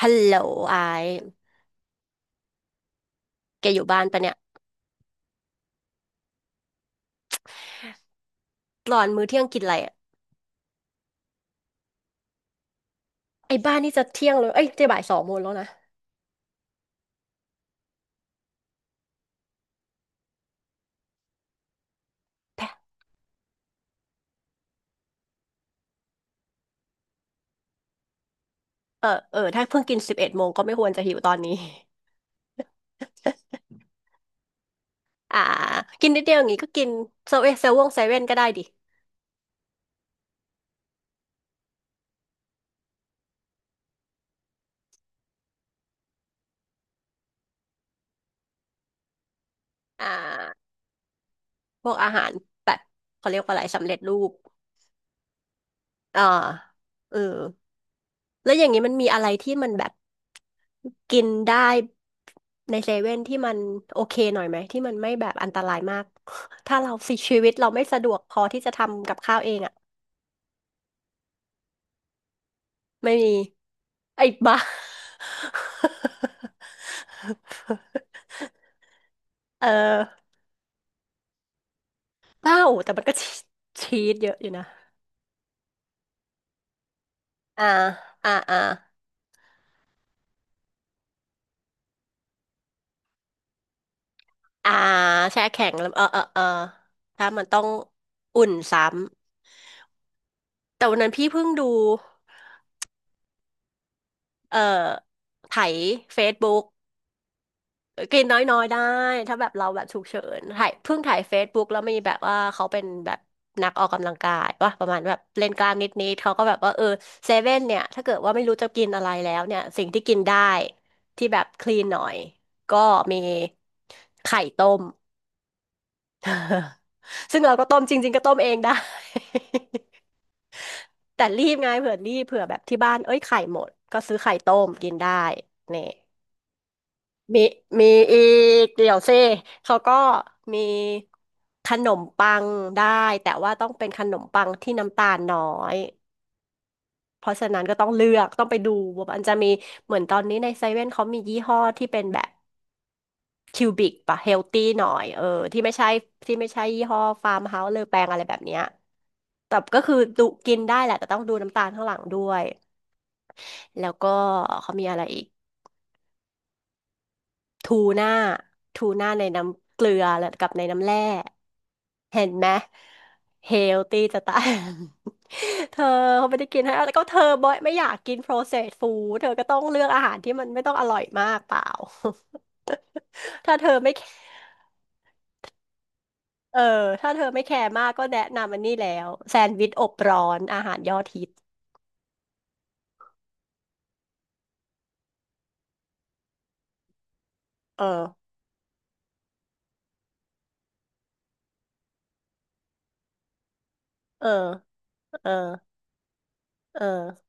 ฮัลโหลไอายแกอยู่บ้านปะเนี่ยตอนมื้อเที่ยงกินอะไรอะไอ้บ้านนี่จะเที่ยงเลย เอ้ยจะบ่ายสองโมงแล้วนะ เออ ถ้าเพิ่งกินสิบเอ็ดโมงก็ไม่ควรจะหิวตอนนี้ อ่ากินนิดเดียวอย่างงี้ก็กินเซเว่นก็ได้ดิ อ่าพวกอาหารแบบเขาเรียกว่าอะไรสำเร็จรูป อ่าเออแล้วอย่างนี้มันมีอะไรที่มันแบบกินได้ในเซเว่นที่มันโอเคหน่อยไหมที่มันไม่แบบอันตรายมาก ถ้าเรา สิชีวิตเราไม่สะดวกพอที่จะทำกับข้าวเองอะ ไม่มีไอ้บ้า เออบ้าโอ้แต่มันก็ชีชีสเยอะอยู่นะอ่าอ่าอ่าอ่าแช่แข็งแล้วเออถ้ามันต้องอุ่นซ้ำแต่วันนั้นพี่เพิ่งดูเอ่อไถเฟซบุ๊ก กินน้อยๆได้ถ้าแบบเราแบบฉุกเฉินถ่ายเพิ่งถ่าย Facebook แล้วมีแบบว่าเขาเป็นแบบนักออกกำลังกายว่าประมาณแบบเล่นกล้ามนิดๆเขาก็แบบว่าเออเซเว่นเนี่ยถ้าเกิดว่าไม่รู้จะกินอะไรแล้วเนี่ยสิ่งที่กินได้ที่แบบคลีนหน่อยก็มีไข่ต้ม ซึ่งเราก็ต้มจริงๆก็ต้มเองได้ แต่รีบไงเผื่อรีบเผื่อแบบที่บ้านเอ้ยไข่หมดก็ซื้อไข่ต้มกินได้เนี่ย มีมีอีกเดี๋ยวเซิเขาก็มีขนมปังได้แต่ว่าต้องเป็นขนมปังที่น้ำตาลน้อยเพราะฉะนั้นก็ต้องเลือกต้องไปดูว่ามันจะมีเหมือนตอนนี้ในเซเว่นเขามียี่ห้อที่เป็นแบบคิวบิกปะเฮลตี้หน่อยเออที่ไม่ใช่ยี่ห้อฟาร์มเฮาส์เลอแปงอะไรแบบเนี้ยแต่ก็คือดูกินได้แหละแต่ต้องดูน้ำตาลข้างหลังด้วยแล้วก็เขามีอะไรอีก ทูน่าทูน่าในน้ำเกลือและกับในน้ำแร่เห็นไหมเฮลตี้จะตาย เธอเขาไม่ได้กินให้แล้วก็เธอบอยไม่อยากกิน processed food เธอก็ต้องเลือกอาหารที่มันไม่ต้องอร่อยมากเปล่า ถ้าเธอไม่เออถ้าเธอไม่แคร์มากก็แนะนำอันนี้แล้วแซนด์วิชอบร้อนอาหารยอดฮิตเออเออเออเออ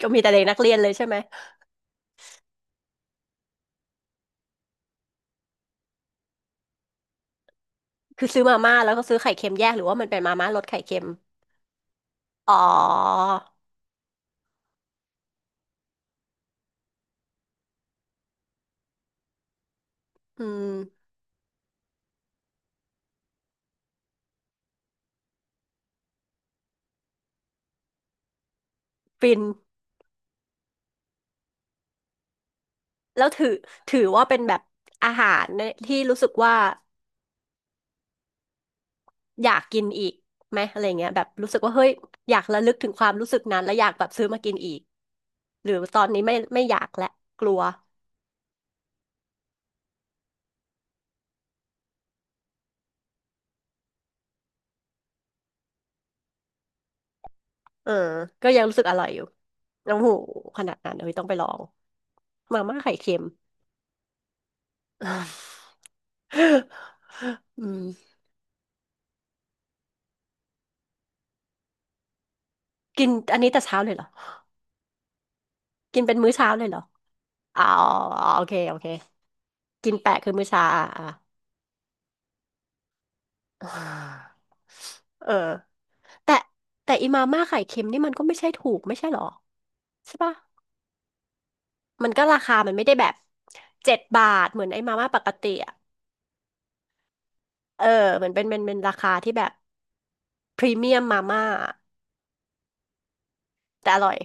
ก็มีแต่เด็กนักเรียนเลยใช่ไหมคือซื้อมาม่าแล้วก็ซื้อไข่เค็มแยกหรือว่ามันเป็นมาม่ารสไข่เค็ม อ๋ออืมฟินแล้วถือว่าเป็นแบบอาหารเนี่ยที่รู้สึกว่าอยากกินอีกไหมอะไรเงี้ยแบบรู้สึกว่าเฮ้ยอยากระลึกถึงความรู้สึกนั้นแล้วอยากแบบซื้อมากินอีกหรือตอนนี้ไม่อยากและกลัวเออก็ยังรู้สึกอร่อยอยู่โอ้โหขนาดนั้นเลยต้องไปลองมาม่าไข่เค็ม อืมกินอันนี้แต่เช้าเลยเหรอกินเป็นมื้อเช้าเลยเหรออ๋อโอเคโอเคกินแปะคือมื้อเช้าอ่ะ เออแต่แต่อีมาม่าไข่เค็มนี่มันก็ไม่ใช่ถูกไม่ใช่หรอใช่ปะมันก็ราคามันไม่ได้แบบเจ็ดบาทเหมือนไอ้มาม่าปกติอ่ะเออเหมือนเป็นราคาที่แบบพรีเมียมมาม่าแต่อร่อย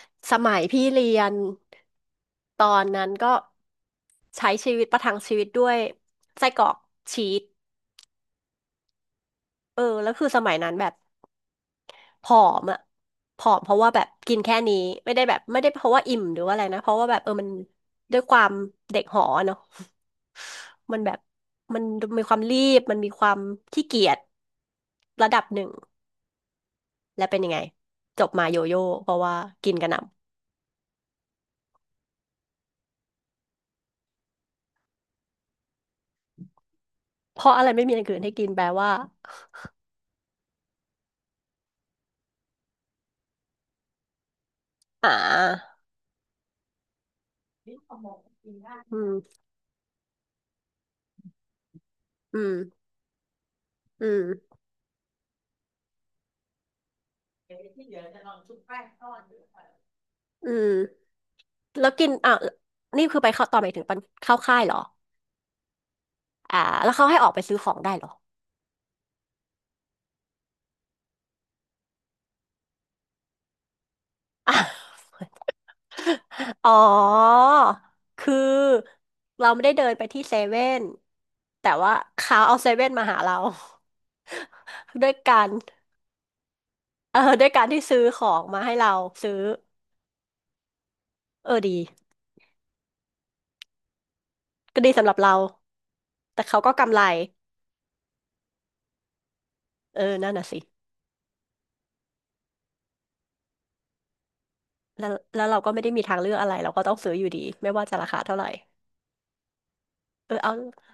สมัยพี่เรียนตอนนั้นก็ใช้ชีวิตประทังชีวิตด้วยไส้กรอกชีสเออแล้วคือสมัยนั้นแบบ ผอมอ่ะผอมเพราะว่าแบบกินแค่นี้ไม่ได้แบบไม่ได้เพราะว่าอิ่มหรือว่าอะไรนะเพราะว่าแบบเออมันด้วยความเด็กหอเนาะ มันแบบมันมีความรีบมันมีความขี้เกียจระดับหนึ่งและเป็นยังไงจบมาโยโย่เพราะว่ากินกระหน่ำเพราะอะไรไม่มีอย่างอื่นให้กินแปลว่าอ่าอืมอืมอืมอืมแล้วกินอ่ะนี่คือไปเข้าตอนไปถึงปันเข้าค่ายเหรออ่าแล้วเขาให้ออกไปซื้อของได้เหรออ่ะ อ๋อคือเราไม่ได้เดินไปที่เซเว่นแต่ว่าเขาเอาเซเว่นมาหาเรา ด้วยการเออด้วยการที่ซื้อของมาให้เราซื้อเออดีก็ดีสำหรับเรา แต่เขาก็กำไรเออนั่นน่ะสิแล้วเราก็ไม่ได้มีทางเลือกอะไรเราก็ต้องซื้ออยู่ดีไม่ว่าจะราคาเท่าไหร่เออเอา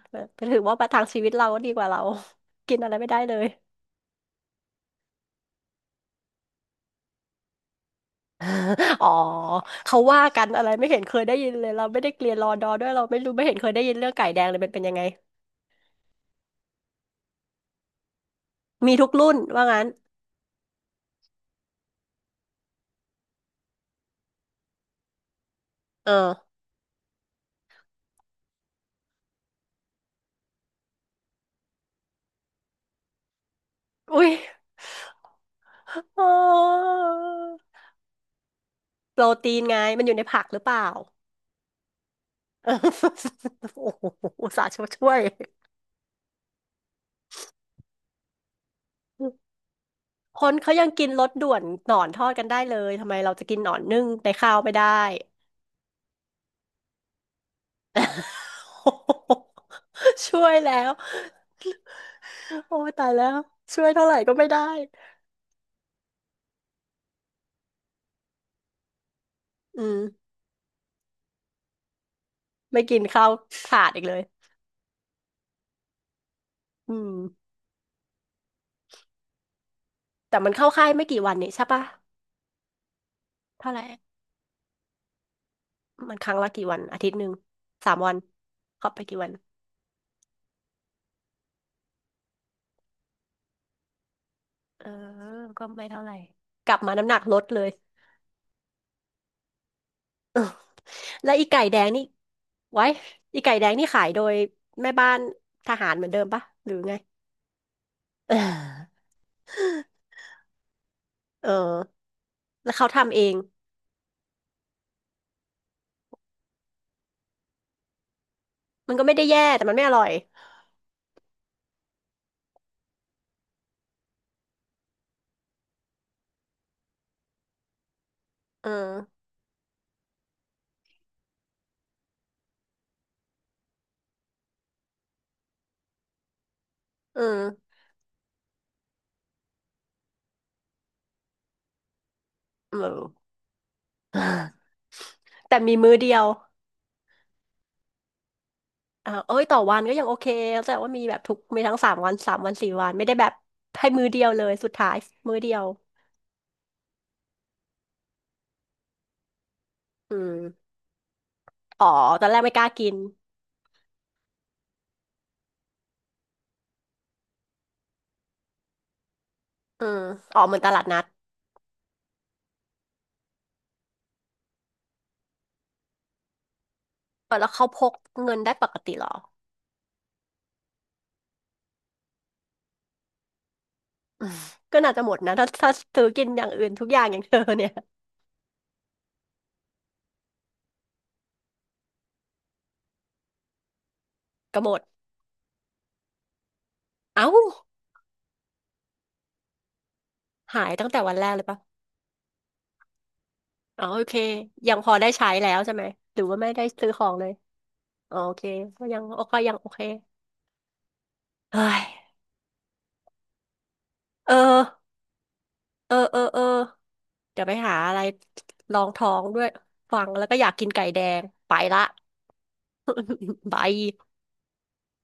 เออถือว่าประทังชีวิตเราก็ดีกว่าเรา กินอะไรไม่ได้เลย อ๋อเขาว่ากันอะไรไม่เห็นเคยได้ยินเลยเราไม่ได้เรียนรอดอด้วยเราไม่รู้ไม่เห็นเคยได้ยินเรื่องไก่แดงเลยมันเป็นยังไงมีทุกรุ่นว่างั้นเอออุ้ยอ๋อโปรตีนไงมันอยู่ในผักหรือเปล่า โอ้โหอุตส่าห์ช่วยคนเขายังกินรสด่วนหนอนทอดกันได้เลยทำไมเราจะกินหนอนนึ่งในข้าวไม่ได้ ช่วยแล้วโอ้ยตายแล้วช่วยเท่าไหร่ก็ไม่ได้อืม ไม่กินข้าวขาดอีกเลยอืมแต่มันเข้าค่ายไม่กี่วันนี่ใช่ปะเท่าไหร่มันครั้งละกี่วันอาทิตย์หนึ่งสามวันเข้าไปกี่วันเออก็ไม่เท่าไหร่กลับมาน้ำหนักลดเลย และอีไก่แดงนี่ไว้อีไก่แดงนี่ขายโดยแม่บ้านทหารเหมือนเดิมปะหรือไงเออเออแล้วเขาทำเองมันก็ไม่ได้แย่แต่มันไม่อร่อยเออเออเออ แต่มีมื้อเดียว อ่าเอ้ยต่อวันก็ยังโอเคเข้าใจว่ามีแบบทุก มีทั้งสามวันสามวันสี่วันไม่ได้แบบให้มื้อเดียวเลย สุดท้ายมื้อเดียวอืมอ๋อตอนแรกไม่กล้ากินอืมอ๋อเหมือนตลาดนัดเออแล้วเขาพกเงินได้ปกติเหรออืมก็น่าจะหมดนะถ้าซื้อกินอย่างอื่นทุกอย่างอย่างเธอเนี่ยก็หมดเอ้าหายตั้งแต่วันแรกเลยปะอ๋อโอเคยังพอได้ใช้แล้วใช่ไหมหรือว่าไม่ได้ซื้อของเลยอ๋อโอเคก็ยังโอเคยังโอเคเฮ้ยเออเออเออเออ เดี๋ยวไปหาอะไรรองท้องด้วยฟังแล้วก็อยากกินไก่แดงไปละ บาย